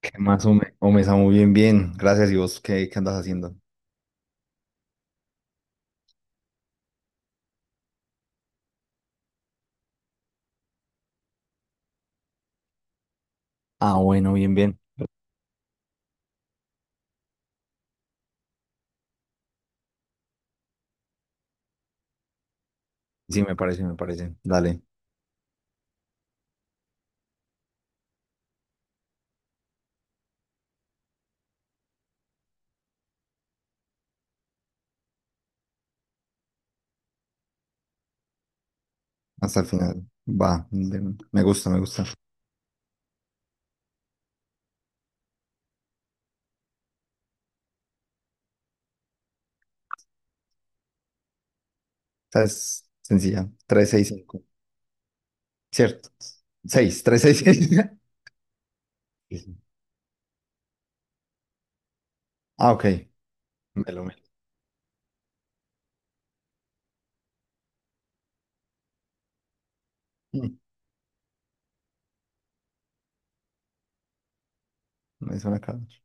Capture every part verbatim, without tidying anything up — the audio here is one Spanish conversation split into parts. ¿Qué más, Ome? Ome, Samu, bien, bien. Gracias. ¿Y vos qué, qué andas haciendo? Ah, bueno, bien, bien. Sí, me parece, me parece. Dale, hasta el final. Va, de- me gusta, me gusta. Esta es sencilla. Tres, seis, cinco. Cierto. Seis, tres, seis, seis. Ah, ok. Melo, melo. Mm, Me suena Caravaggio.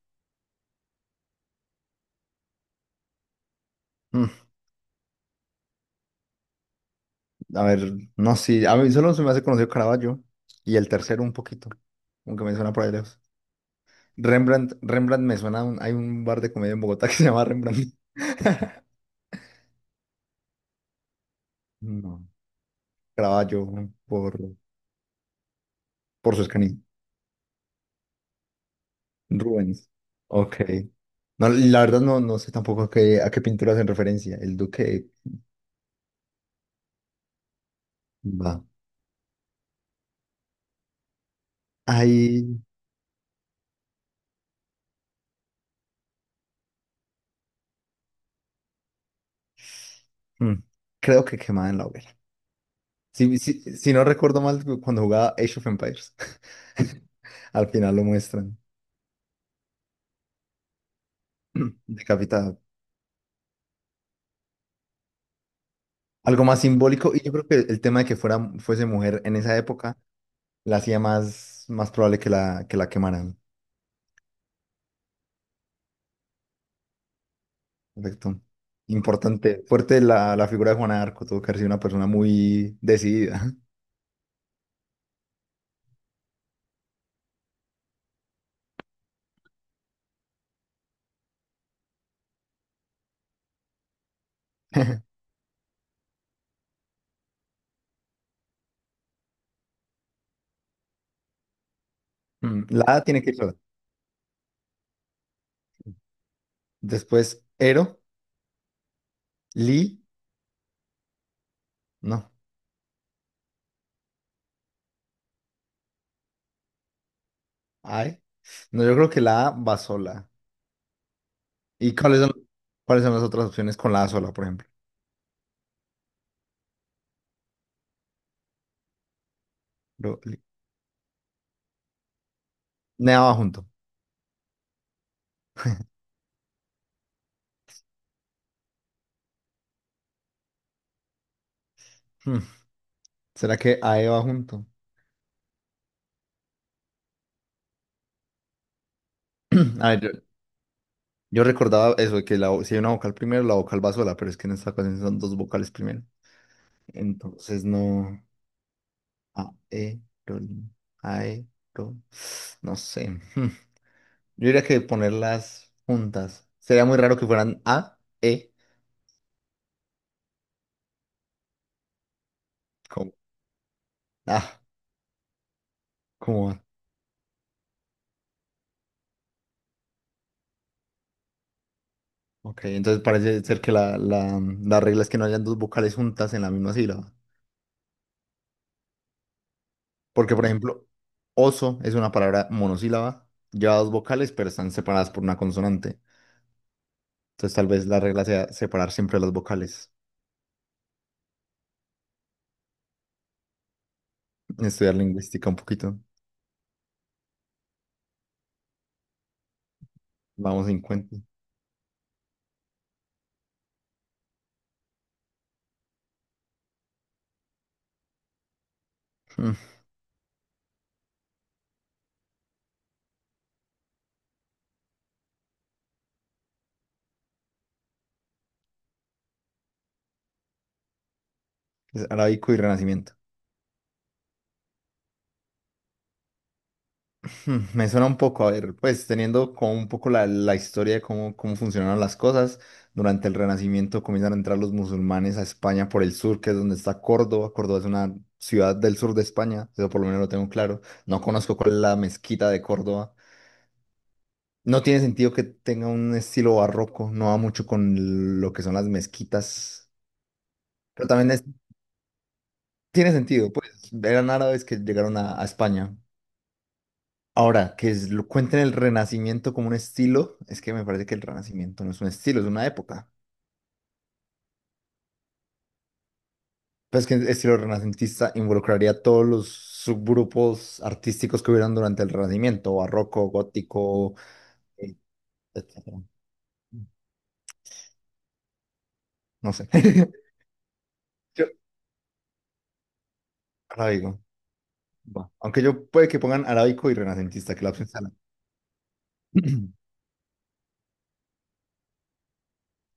Mm, A ver, no, sí. A mí solo se me hace conocido Caravaggio. Y el tercero un poquito, aunque me suena por ahí lejos. Rembrandt, Rembrandt me suena. A un- hay un bar de comedia en Bogotá que se llama Rembrandt. No. Caraballo por, por su Toscanini. Rubens. Ok. No, la verdad no, no sé tampoco a qué, a qué pintura hacen referencia. El Duque va. Ahí, mm, creo que quemada en la hoguera. Si, si, si no recuerdo mal, cuando jugaba Age of Empires, al final lo muestran decapitada. Algo más simbólico y yo creo que el tema de que fuera, fuese mujer en esa época la hacía más, más probable que la, que la quemaran. Perfecto. Importante, fuerte la, la figura de Juana de Arco, tuvo que haber sido una persona muy decidida. Mm, La A tiene que ir sola. Después, Ero, Li, no, Ae. No, yo creo que la A va sola. ¿Y cuáles son, cuáles son las otras opciones con la A sola, por ejemplo? Ro- Li- Nea va junto. Hmm, ¿Será que A E va junto? A ver, yo, yo recordaba eso, de que la, vo- si hay una vocal primero, la vocal va sola, pero es que en esta ocasión son dos vocales primero. Entonces, no. Aeron, aero, no sé. Hmm. Yo diría que ponerlas juntas. Sería muy raro que fueran A, E, como A, como A. Ok, entonces parece ser que la, la, la regla es que no hayan dos vocales juntas en la misma sílaba. Porque, por ejemplo, oso es una palabra monosílaba, lleva dos vocales, pero están separadas por una consonante. Entonces, tal vez la regla sea separar siempre las vocales. Estudiar lingüística un poquito. Vamos en cuenta. Mm, Es arábico y renacimiento. Hmm, Me suena un poco, a ver, pues teniendo como un poco la, la historia de cómo, cómo funcionaron las cosas, durante el Renacimiento comienzan a entrar los musulmanes a España por el sur, que es donde está Córdoba. Córdoba es una ciudad del sur de España, eso por lo menos lo tengo claro. No conozco cuál es la mezquita de Córdoba. No tiene sentido que tenga un estilo barroco, no va mucho con lo que son las mezquitas, pero también es- tiene sentido, pues eran árabes que llegaron a a España. Ahora, que es- lo cuenten el Renacimiento como un estilo, es que me parece que el Renacimiento no es un estilo, es una época. Pues que el estilo renacentista involucraría todos los subgrupos artísticos que hubieran durante el Renacimiento, barroco, gótico, eh, etcétera. No sé. Yo, arábigo. Va. Aunque yo puede que pongan arábico y renacentista, que la opción sea la-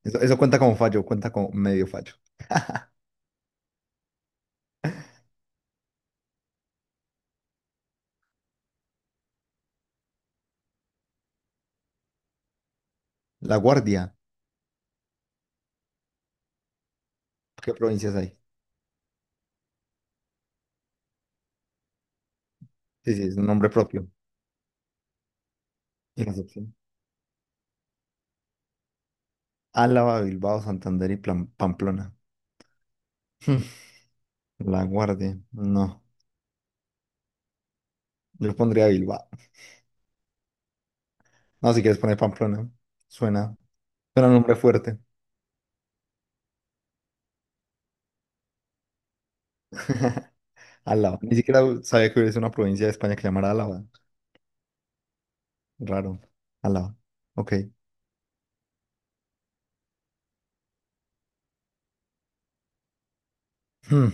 Eso, eso cuenta como fallo, cuenta como medio fallo. La Guardia, ¿qué provincias hay? Sí, sí, es un nombre propio. Y las opciones. Álava, Bilbao, Santander y Plan- Pamplona. Hmm, La Guardia, no. Yo pondría Bilbao. No, si quieres poner Pamplona. Suena, suena un nombre fuerte. Álava. Ni siquiera sabía que hubiese una provincia de España que llamara Álava. Raro. Álava. Ok. Hmm.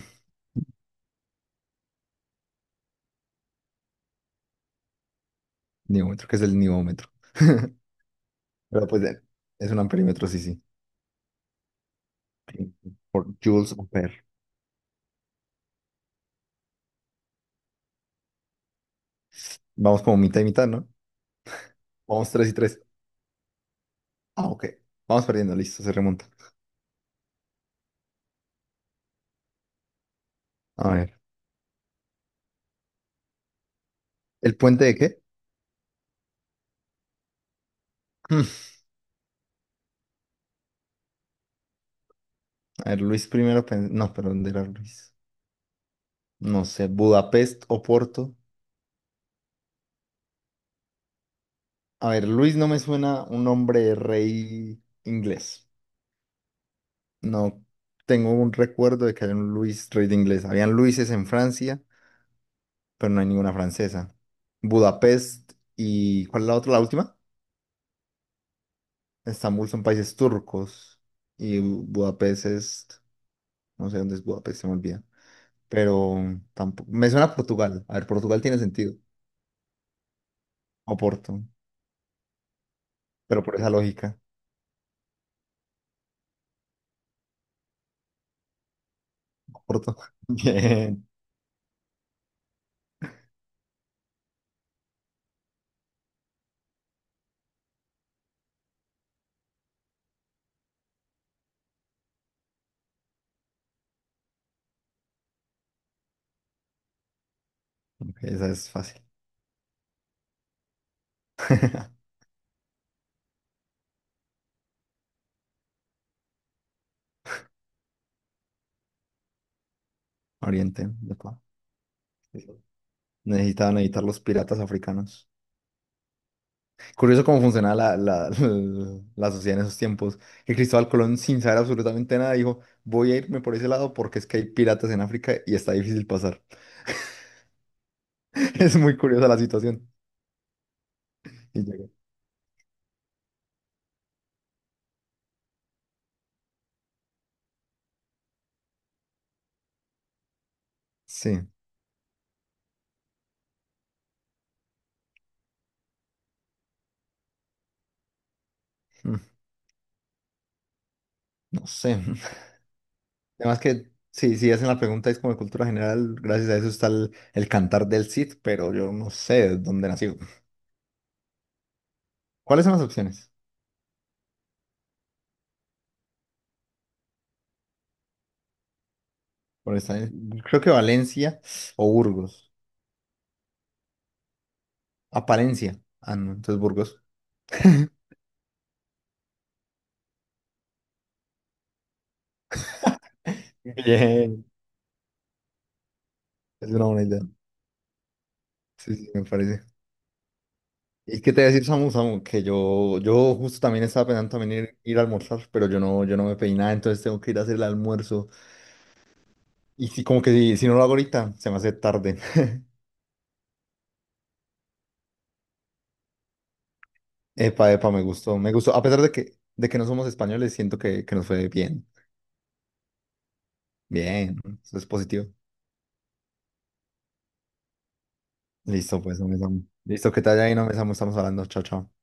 Nivómetro, ¿qué es el nivómetro? Pero pues eh, es un amperímetro, sí, sí. Por joules per. Vamos como mitad y mitad, ¿no? Vamos tres y tres. Ah, ok. Vamos perdiendo, listo, se remonta. A ver. ¿El puente de qué? A ver, Luis primero, pen- no, pero ¿dónde era Luis? No sé, Budapest o Porto. A ver, Luis no me suena un nombre de rey inglés. No tengo un recuerdo de que haya un Luis rey de inglés. Habían Luises en Francia, pero no hay ninguna francesa. Budapest y ¿cuál es la otra? La última. Estambul son países turcos y Bu- Budapest es, no sé dónde es Budapest, se me olvida. Pero tampoco, me suena a Portugal. A ver, Portugal tiene sentido. O Porto, pero por esa lógica. Corto. Bien. Ok, esa es fácil. Oriente, de pa. Necesitaban evitar los piratas africanos. Curioso cómo funcionaba la, la, la la sociedad en esos tiempos. Que Cristóbal Colón, sin saber absolutamente nada, dijo: Voy a irme por ese lado porque es que hay piratas en África y está difícil pasar. Es muy curiosa la situación. Y llegó. Sí, Mm, no sé. Además que, sí, si hacen la pregunta, es como de cultura general. Gracias a eso está el, el cantar del Cid, pero yo no sé de dónde nació. ¿Cuáles son las opciones? Por esta, eh, creo que Valencia o Burgos. Apariencia. Ah, no, entonces Burgos. Bien, es una buena idea. Sí, sí, me parece. ¿Y qué te voy a decir, Samu, Samu? Que yo, yo justo también estaba pensando también ir, ir a almorzar, pero yo no, yo no me pedí nada, entonces tengo que ir a hacer el almuerzo. Y sí, como que si, si no lo hago ahorita, se me hace tarde. Epa, epa, me gustó, me gustó. A pesar de que, de que no somos españoles, siento que, que nos fue bien. Bien, eso es positivo. Listo, pues, no me Samu. Listo, que te haya ido, no me Samu, estamos hablando. Chao, chao.